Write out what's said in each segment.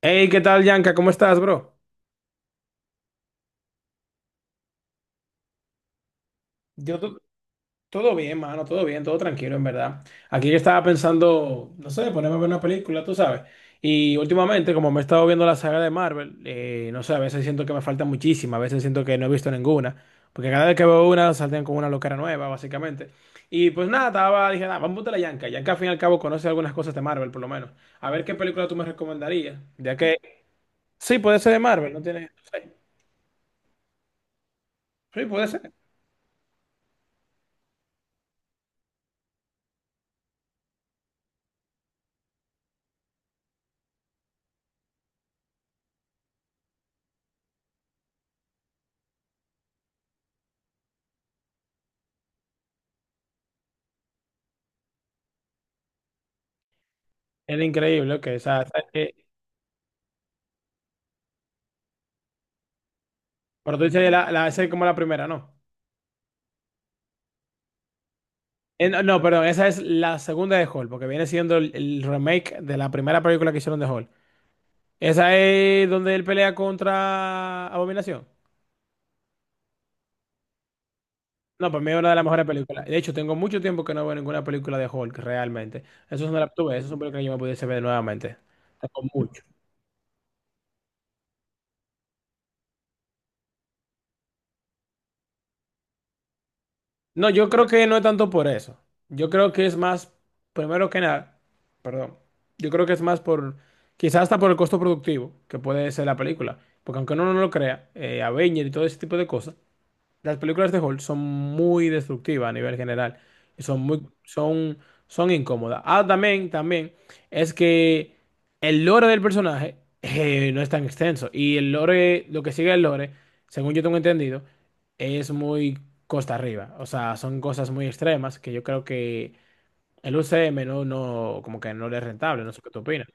Hey, ¿qué tal, Yanka? ¿Cómo estás, bro? Yo to- todo bien, mano, todo bien, todo tranquilo, en verdad. Aquí yo estaba pensando, no sé, ponerme a ver una película, tú sabes. Y últimamente, como me he estado viendo la saga de Marvel, no sé, a veces siento que me falta muchísima, a veces siento que no he visto ninguna. Porque cada vez que veo una, salten con una locura nueva, básicamente. Y pues nada, estaba, dije, nada, vamos a la Yanka. Yanka, al fin y al cabo, conoce algunas cosas de Marvel, por lo menos. A ver qué película tú me recomendarías. Ya que, sí, puede ser de Marvel, no tiene. Sí, sí, puede ser. El increíble, ok. O sea, ¿sabes qué? Pero tú dices, esa es como la primera, ¿no? No, no, perdón, esa es la segunda de Hall, porque viene siendo el remake de la primera película que hicieron de Hall. Esa es donde él pelea contra Abominación. No, para mí es una de las mejores películas. De hecho, tengo mucho tiempo que no veo ninguna película de Hulk, realmente. Eso es una de las tuve, esas son películas que yo me pudiese ver nuevamente. Tengo mucho. No, yo creo que no es tanto por eso. Yo creo que es más, primero que nada, perdón, yo creo que es más por, quizás hasta por el costo productivo que puede ser la película. Porque aunque uno no lo crea, Avenger y todo ese tipo de cosas, las películas de Hulk son muy destructivas a nivel general. Son muy, son incómodas. Ah, también, también, es que el lore del personaje no es tan extenso. Y el lore, lo que sigue el lore, según yo tengo entendido, es muy costa arriba. O sea, son cosas muy extremas que yo creo que el UCM no, no, como que no le es rentable. No sé qué tú opinas.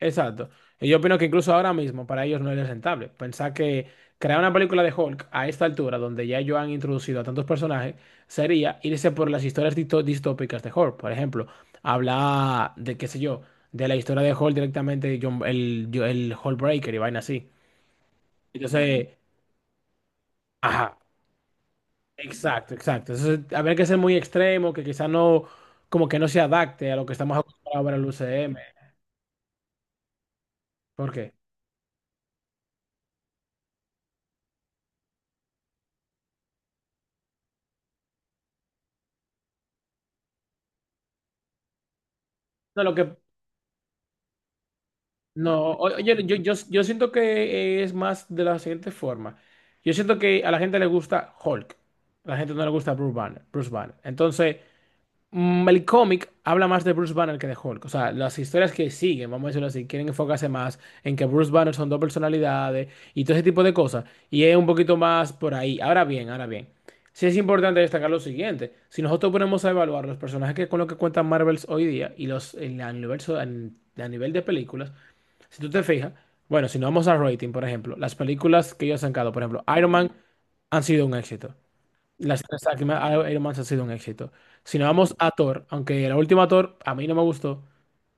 Exacto. Y yo opino que incluso ahora mismo para ellos no es rentable. Pensar que crear una película de Hulk a esta altura, donde ya ellos han introducido a tantos personajes, sería irse por las historias distópicas de Hulk. Por ejemplo, hablar de, qué sé yo, de la historia de Hulk directamente, de el Hulkbreaker y vaina así. Entonces, ajá, exacto, exacto. Entonces, habría que ser muy extremo, que quizá no, como que no se adapte a lo que estamos acostumbrados a ver en el UCM. ¿Por qué? No, lo que No, oye, yo siento que es más de la siguiente forma. Yo siento que a la gente le gusta Hulk. A la gente no le gusta Bruce Banner. Bruce Banner. Entonces, el cómic habla más de Bruce Banner que de Hulk. O sea, las historias que siguen, vamos a decirlo así, quieren enfocarse más en que Bruce Banner son dos personalidades y todo ese tipo de cosas. Y es un poquito más por ahí. Ahora bien, ahora bien. Sí es importante destacar lo siguiente. Si nosotros ponemos a evaluar los personajes que con los que cuentan Marvels hoy día y los en el universo a nivel de películas. Si tú te fijas, bueno, si nos vamos a rating, por ejemplo, las películas que ellos han sacado, por ejemplo, Iron Man han sido un éxito. Las tres Iron Man han sido un éxito. Si nos vamos a Thor, aunque la última Thor a mí no me gustó,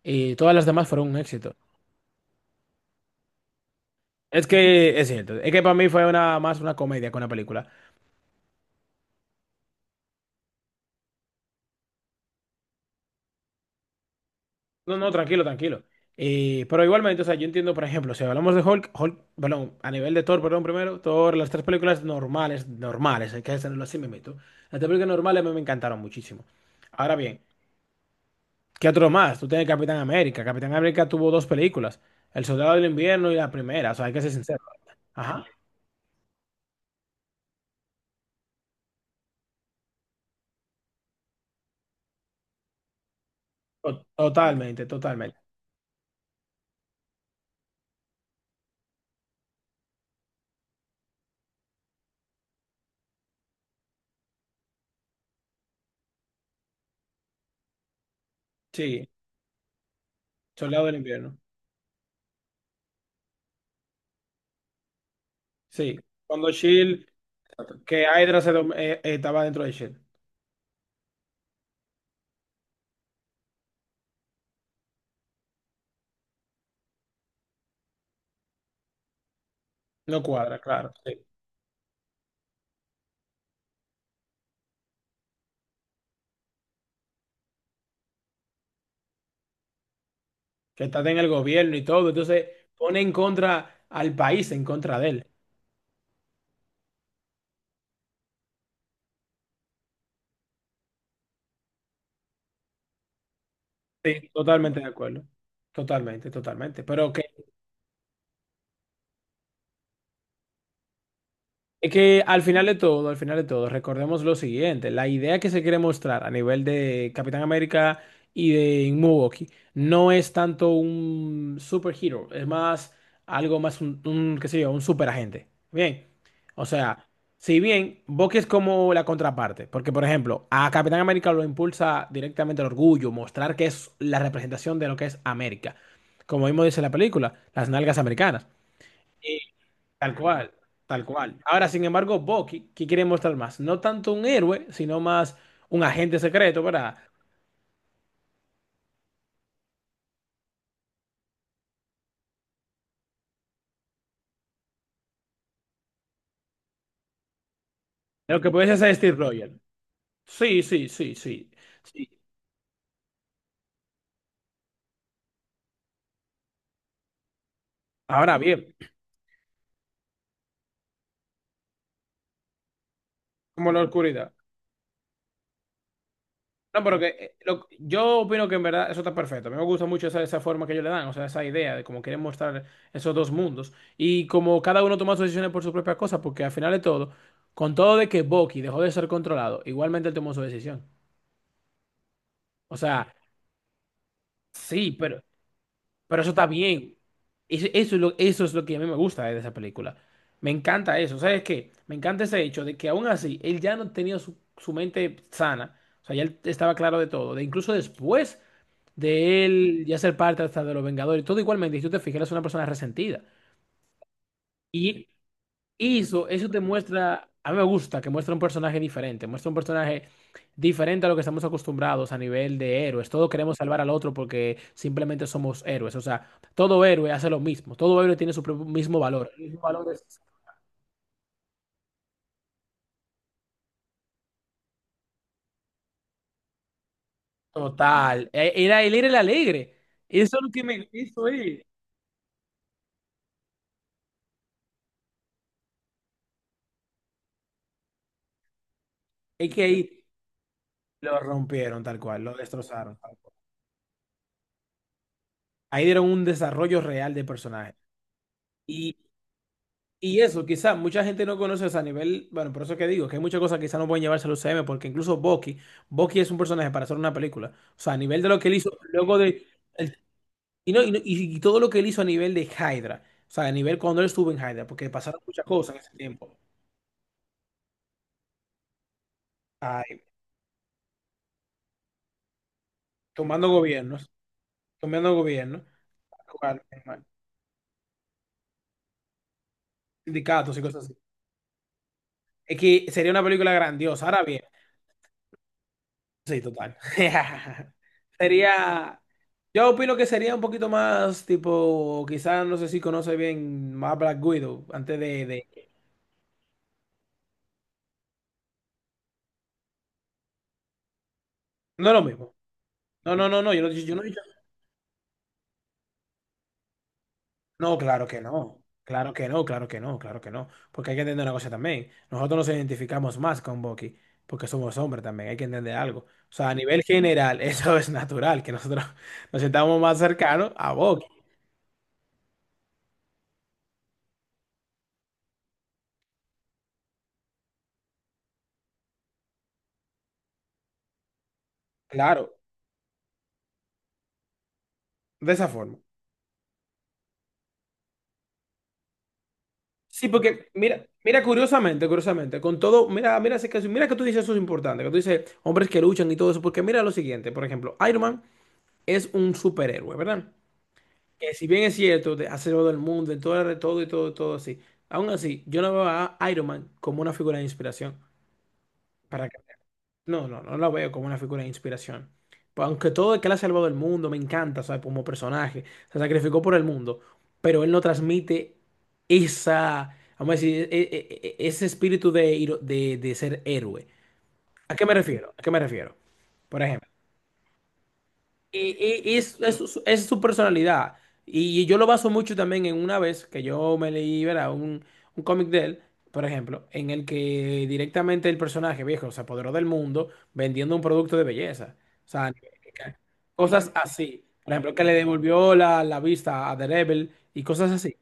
y todas las demás fueron un éxito. Es que es cierto, es que para mí fue una, más una comedia que una película. No, no, tranquilo, tranquilo. Pero igualmente, o sea, yo entiendo, por ejemplo, si hablamos de Hulk, Hulk, perdón, a nivel de Thor, perdón, primero, Thor, las tres películas normales, normales, hay que hacerlo así, me meto. Las tres películas normales a mí me encantaron muchísimo. Ahora bien, ¿qué otro más? Tú tienes Capitán América. Capitán América tuvo dos películas, El Soldado del Invierno y la primera, o sea, hay que ser sincero. Ajá. Totalmente, totalmente. Sí, Soldado del Invierno. Sí. Cuando Shield, que Hydra estaba dentro de Shield. No cuadra, claro. Sí. Que está en el gobierno y todo, entonces pone en contra al país, en contra de él. Sí, totalmente de acuerdo. Totalmente, totalmente. Pero que es que al final de todo, al final de todo, recordemos lo siguiente, la idea que se quiere mostrar a nivel de Capitán América y de Milwaukee no es tanto un superhero, es más algo más un, qué sé yo, un superagente. Bien, o sea, si bien Bucky es como la contraparte, porque por ejemplo, a Capitán América lo impulsa directamente el orgullo, mostrar que es la representación de lo que es América, como mismo dice la película, las nalgas americanas. Tal cual, tal cual. Ahora, sin embargo, Bucky, ¿qué quiere mostrar más? No tanto un héroe, sino más un agente secreto, ¿verdad? Lo que puede ser Steve Rogers. Sí, sí, sí, sí, sí. Ahora bien, como la oscuridad. No, pero que yo opino que en verdad eso está perfecto. A mí me gusta mucho esa, esa forma que ellos le dan, o sea, esa idea de cómo quieren mostrar esos dos mundos. Y como cada uno toma sus decisiones por su propia cosa, porque al final de todo, con todo de que Bucky dejó de ser controlado, igualmente él tomó su decisión. O sea, sí, pero... Pero eso está bien. Eso, eso es lo que a mí me gusta de esa película. Me encanta eso. ¿Sabes qué? Me encanta ese hecho de que aún así él ya no tenía su, su mente sana. O sea, ya él estaba claro de todo. De incluso después de él ya ser parte hasta de los Vengadores, todo igualmente. Y tú te fijas, él es una persona resentida. Y y eso, eso te muestra, a mí me gusta que muestra un personaje diferente, muestra un personaje diferente a lo que estamos acostumbrados a nivel de héroes. Todos queremos salvar al otro porque simplemente somos héroes. O sea, todo héroe hace lo mismo, todo héroe tiene su propio- mismo valor. El mismo valor es total. Era, él era el alegre. Eso es lo que me hizo él. Es que ahí lo rompieron tal cual, lo destrozaron tal cual. Ahí dieron un desarrollo real de personaje. Y eso, quizá mucha gente no conoce, o sea, a nivel, bueno, por eso que digo, que hay muchas cosas que quizá no pueden llevarse al UCM, porque incluso Bucky, Bucky es un personaje para hacer una película. O sea, a nivel de lo que él hizo, luego de, el- y, no- y, no- y todo lo que él hizo a nivel de Hydra, o sea, a nivel cuando él estuvo en Hydra, porque pasaron muchas cosas en ese tiempo. Ay, tomando gobiernos, tomando gobiernos, bueno, sindicatos y cosas así. Es que sería una película grandiosa. Ahora bien. Sí, total. Sería, yo opino que sería un poquito más tipo, quizás no sé si conoce bien más Black Widow antes de. No es lo mismo. No, no, no, no, yo no, yo no he dicho... No, claro que no. Claro que no, claro que no, claro que no. Porque hay que entender una cosa también. Nosotros nos identificamos más con Bucky porque somos hombres también, hay que entender algo. O sea, a nivel general, eso es natural, que nosotros nos sentamos más cercanos a Bucky. Claro, de esa forma. Sí, porque mira, mira curiosamente, curiosamente, con todo, mira, mira ese caso, mira que tú dices eso es importante, que tú dices hombres que luchan y todo eso, porque mira lo siguiente, por ejemplo, Iron Man es un superhéroe, ¿verdad? Que si bien es cierto, ha salvado el mundo, en todo, todo y todo, todo así, aún así, yo no veo a Iron Man como una figura de inspiración. No, no, no la veo como una figura de inspiración. Pues aunque todo el que la ha salvado el mundo me encanta, ¿sabes? Como personaje, se sacrificó por el mundo, pero él no transmite esa, vamos a decir, ese espíritu de, de ser héroe. ¿A qué me refiero? ¿A qué me refiero? Por ejemplo. Y es su personalidad. Y yo lo baso mucho también en una vez que yo me leí, ¿verdad? Un cómic de él, por ejemplo, en el que directamente el personaje viejo se apoderó del mundo vendiendo un producto de belleza. O sea, cosas así. Por ejemplo, que le devolvió la vista a Daredevil y cosas así.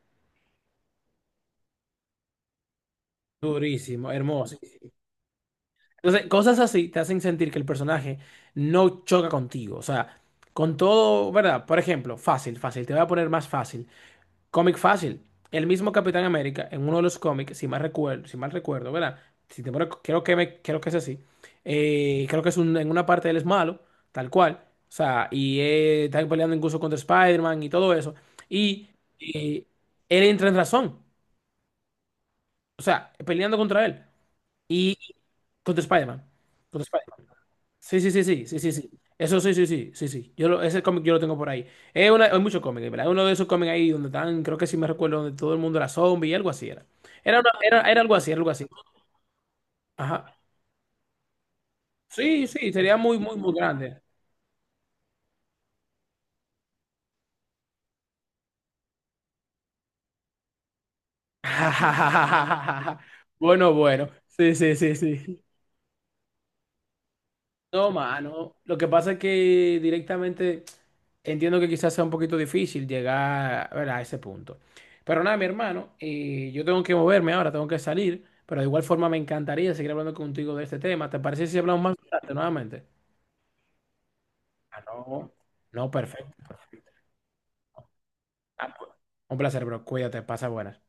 Durísimo, hermoso. Entonces, cosas así te hacen sentir que el personaje no choca contigo. O sea, con todo, ¿verdad? Por ejemplo, fácil, fácil. Te voy a poner más fácil. Cómic fácil. El mismo Capitán América, en uno de los cómics, si mal recuerdo, si mal recuerdo, ¿verdad? Si te pone- creo que es así. Creo que en una parte él es malo, tal cual. O sea, y están peleando incluso contra Spider-Man y todo eso. Y eh, él entra en razón. O sea, peleando contra él. Y contra Spider-Man. Contra Spider-Man. Sí, sí, sí, sí, sí, sí, sí. Eso sí, sí, sí, sí, sí. Ese cómic yo lo tengo por ahí. Es una, hay muchos cómics, ¿verdad? Es uno de esos cómics ahí donde están, creo que sí me recuerdo, donde todo el mundo era zombie y algo así era. Era, era algo así, era algo así. Ajá. Sí, sí, sería muy, muy, muy grande. Bueno, bueno. Sí, sí, sí, sí. No, mano. Lo que pasa es que directamente entiendo que quizás sea un poquito difícil llegar, ¿verdad? A ese punto. Pero nada, mi hermano, yo tengo que moverme ahora, tengo que salir. Pero de igual forma me encantaría seguir hablando contigo de este tema. ¿Te parece si hablamos más tarde nuevamente? Ah, no. No, perfecto. Ah, pues, un placer, bro. Cuídate, pasa buenas.